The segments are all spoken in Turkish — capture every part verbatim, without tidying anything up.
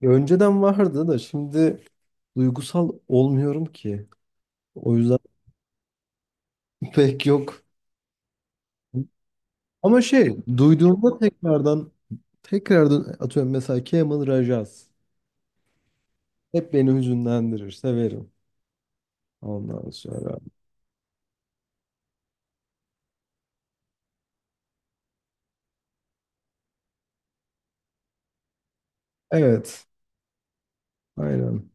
Ya önceden vardı da şimdi duygusal olmuyorum ki. O yüzden pek yok. Ama şey duyduğumda tekrardan tekrardan atıyorum mesela Kemal Rajaz. Hep beni hüzünlendirir. Severim. Ondan sonra. Evet. Aynen.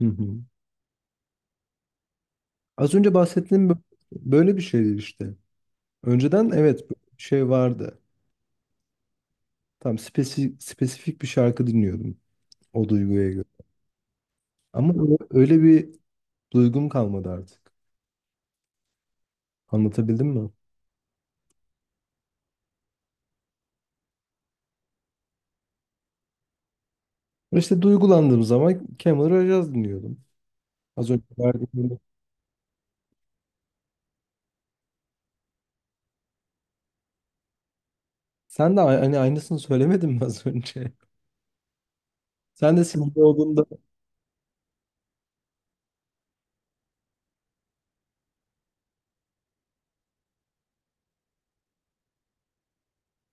Hı hı. Az önce bahsettiğim bö- böyle bir şeydi işte. Önceden evet böyle bir şey vardı. Tam spesi spesifik bir şarkı dinliyordum o duyguya göre. Ama öyle öyle bir duygum kalmadı artık. Anlatabildim mi? Ve işte duygulandığım zaman Kemal Rojaz dinliyordum. Az önce verdiğim örnek. Sen de a- hani aynısını söylemedin mi az önce? Sen de sinirli olduğunda.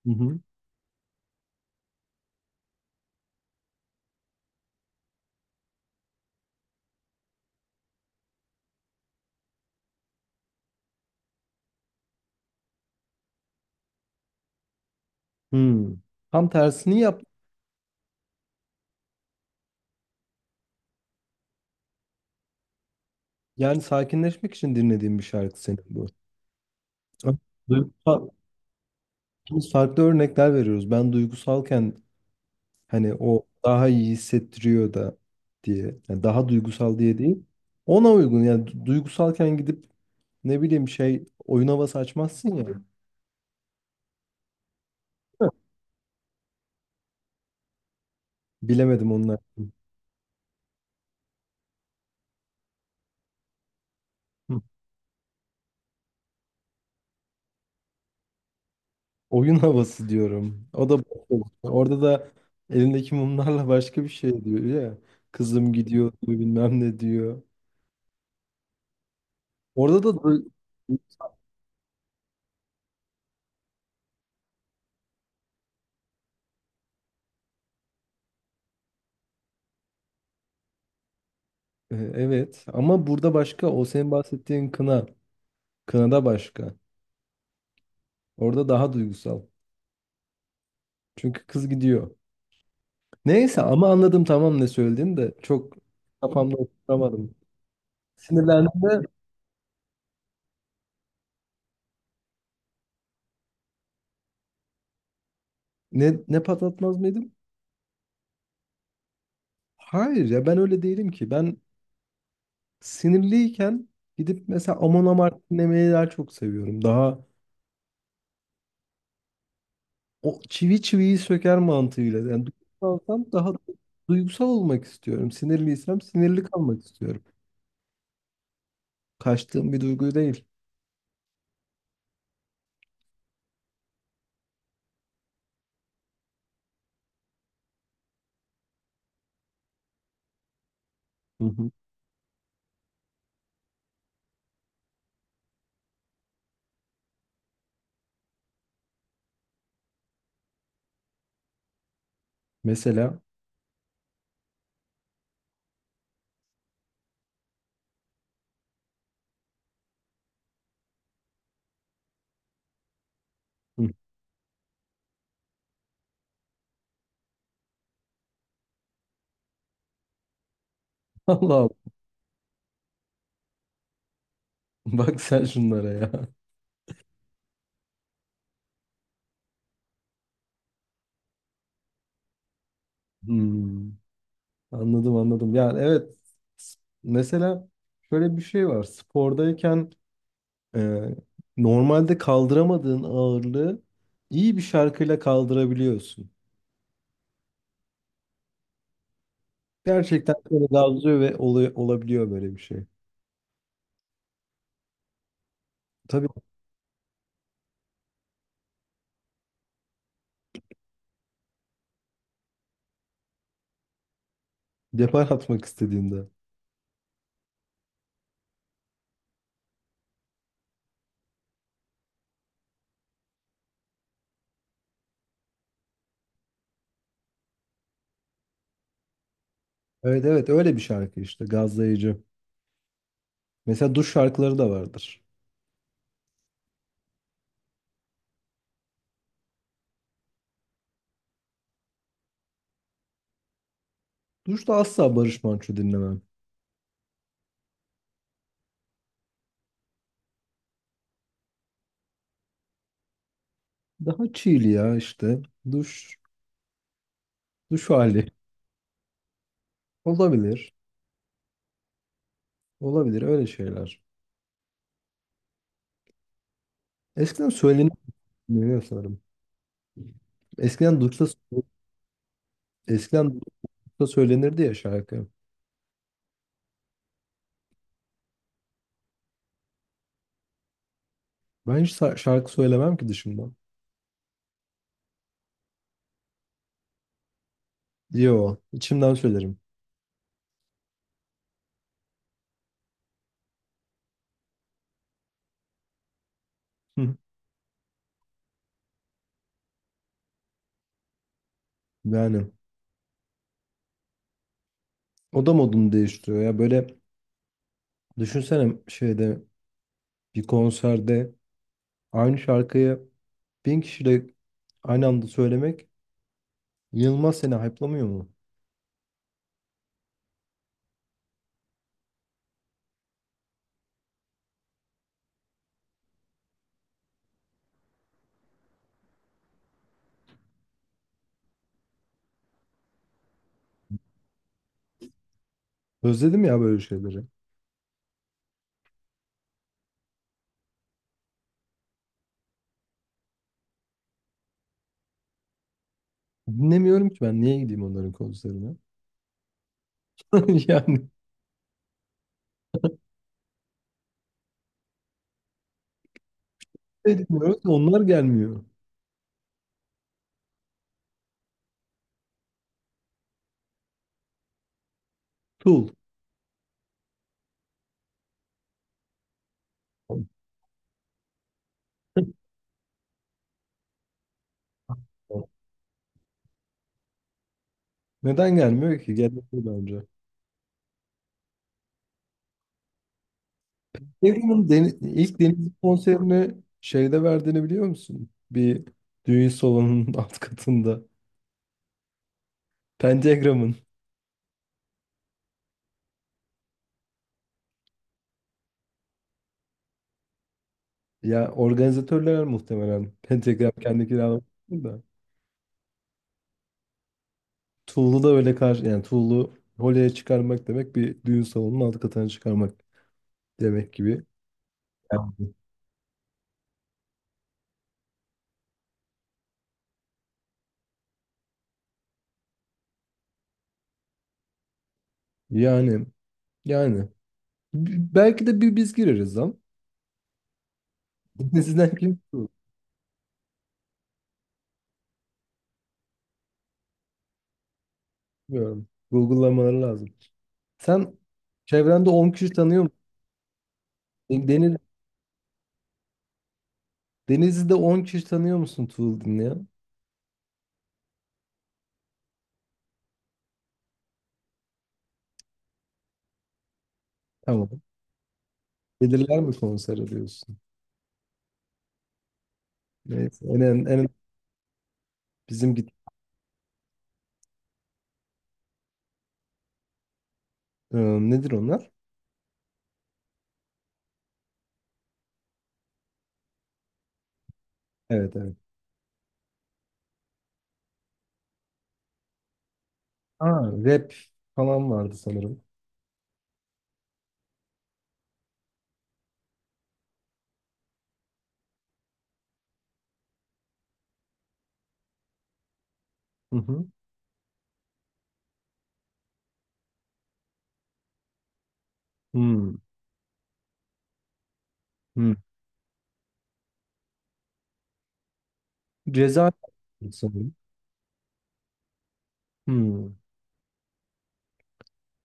Hı hı. Hmm. Tam tersini yap. Yani sakinleşmek için dinlediğim bir şarkı senin bu. Ama duygusal, biz farklı örnekler veriyoruz. Ben duygusalken hani o daha iyi hissettiriyor da diye. Yani daha duygusal diye değil. Ona uygun. Yani du- duygusalken gidip ne bileyim şey oyun havası açmazsın ya. Bilemedim onlar. Oyun havası diyorum. O da boş olsun. Orada da elindeki mumlarla başka bir şey diyor ya. Kızım gidiyor diyor, bilmem ne diyor. Orada da du- E, evet ama burada başka o senin bahsettiğin kına. Kınada başka. Orada daha duygusal. Çünkü kız gidiyor. Neyse ama anladım tamam, ne söylediğini de çok kafamda oturtamadım. Sinirlendiğimde ne, ne patlatmaz mıydım? Hayır ya ben öyle değilim ki. Ben sinirliyken gidip mesela Amon Amarth dinlemeyi daha çok seviyorum. Daha o çivi çiviyi söker mantığıyla. Yani duygusalsam daha duygusal olmak istiyorum. Sinirliysem sinirli kalmak istiyorum. Kaçtığım bir duygu değil. Hı hı. Mesela. Hı. Allah Allah. Bak sen şunlara ya. Hmm. Anladım anladım. Yani evet, s- mesela şöyle bir şey var. Spordayken e, normalde kaldıramadığın ağırlığı iyi bir şarkıyla kaldırabiliyorsun. Gerçekten böyle gazlıyor ve olay- olabiliyor böyle bir şey. Tabii depar atmak istediğinde. Evet evet öyle bir şarkı işte, gazlayıcı. Mesela duş şarkıları da vardır. Duşta asla Barış Manço dinlemem. Daha chill ya işte. Duş, duş hali. Olabilir. Olabilir öyle şeyler. Eskiden söyleniyor sanırım. Eskiden duşta eskiden duşta söylenirdi ya şarkı. Ben hiç sa- şarkı söylemem ki dışımdan. Yo, içimden söylerim. Hı. Yani o da modunu değiştiriyor ya böyle. Düşünsene şeyde, bir konserde aynı şarkıyı bin kişiyle aynı anda söylemek inanılmaz seni hype'lamıyor mu? Özledim ya böyle şeyleri. Dinlemiyorum ki, ben niye gideyim onların konserine? Yani ne dinliyoruz onlar gelmiyor. Tool. Neden gelmiyor ki? Gelmedi bence. Evimin deni- ilk Denizli konserini şeyde verdiğini biliyor musun? Bir düğün salonunun alt katında. Pentagram'ın. Ya organizatörler muhtemelen, pentagram kendi kiralamasını da. Tuğlu da öyle karşı, yani Tuğlu Holly'e çıkarmak demek bir düğün salonunun alt katına çıkarmak demek gibi. Yani, yani, yani. B- belki de bir biz gireriz lan. Sizden kim? Tuğlu? Bilmiyorum. Google'lamaları lazım. Sen çevrende on kişi tanıyor musun? Deniz, Denizli'de on kişi tanıyor musun Tuğlu dinleyen? Tamam. Gelirler mi konsere diyorsun? Neyse. En, en, en- bizim git. Ee, nedir onlar? Evet evet. Ha, rap falan vardı sanırım. Hı hı. Hmm, hmm. Ceza sanırım. Hmm.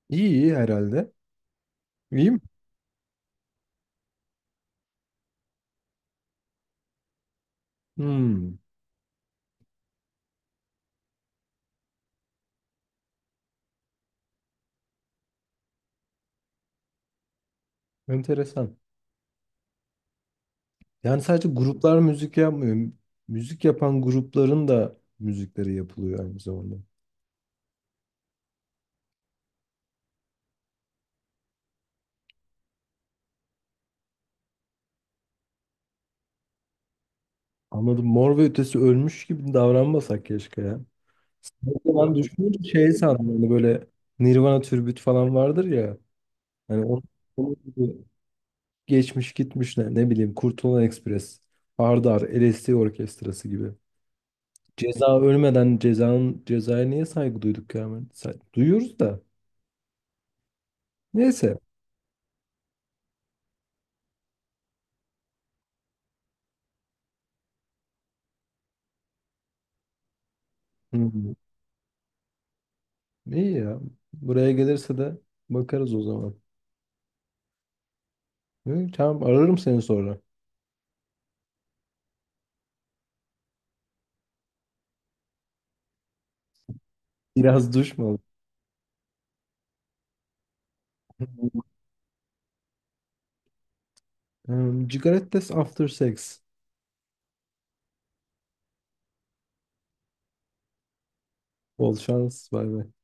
İyi iyi herhalde. İyi mi? Hmm. Enteresan. Yani sadece gruplar müzik yapmıyor. Müzik yapan grupların da müzikleri yapılıyor aynı zamanda. Anladım. Mor ve Ötesi ölmüş gibi davranmasak keşke ya. Ben düşününce şey sandım. Hani böyle Nirvana türbüt falan vardır ya. Hani onun, geçmiş gitmiş, ne, ne bileyim Kurtulan Ekspres, Hardar, L S D Orkestrası gibi. Ceza ölmeden cezanın cezaya niye saygı duyduk ya? Ben- say- Duyuyoruz da. Neyse. Hı. İyi ya. Buraya gelirse de bakarız o zaman. Hı, tamam ararım seni sonra. Biraz duş mu alayım? Um, Cigarettes after sex. Bol şans. Bay bay.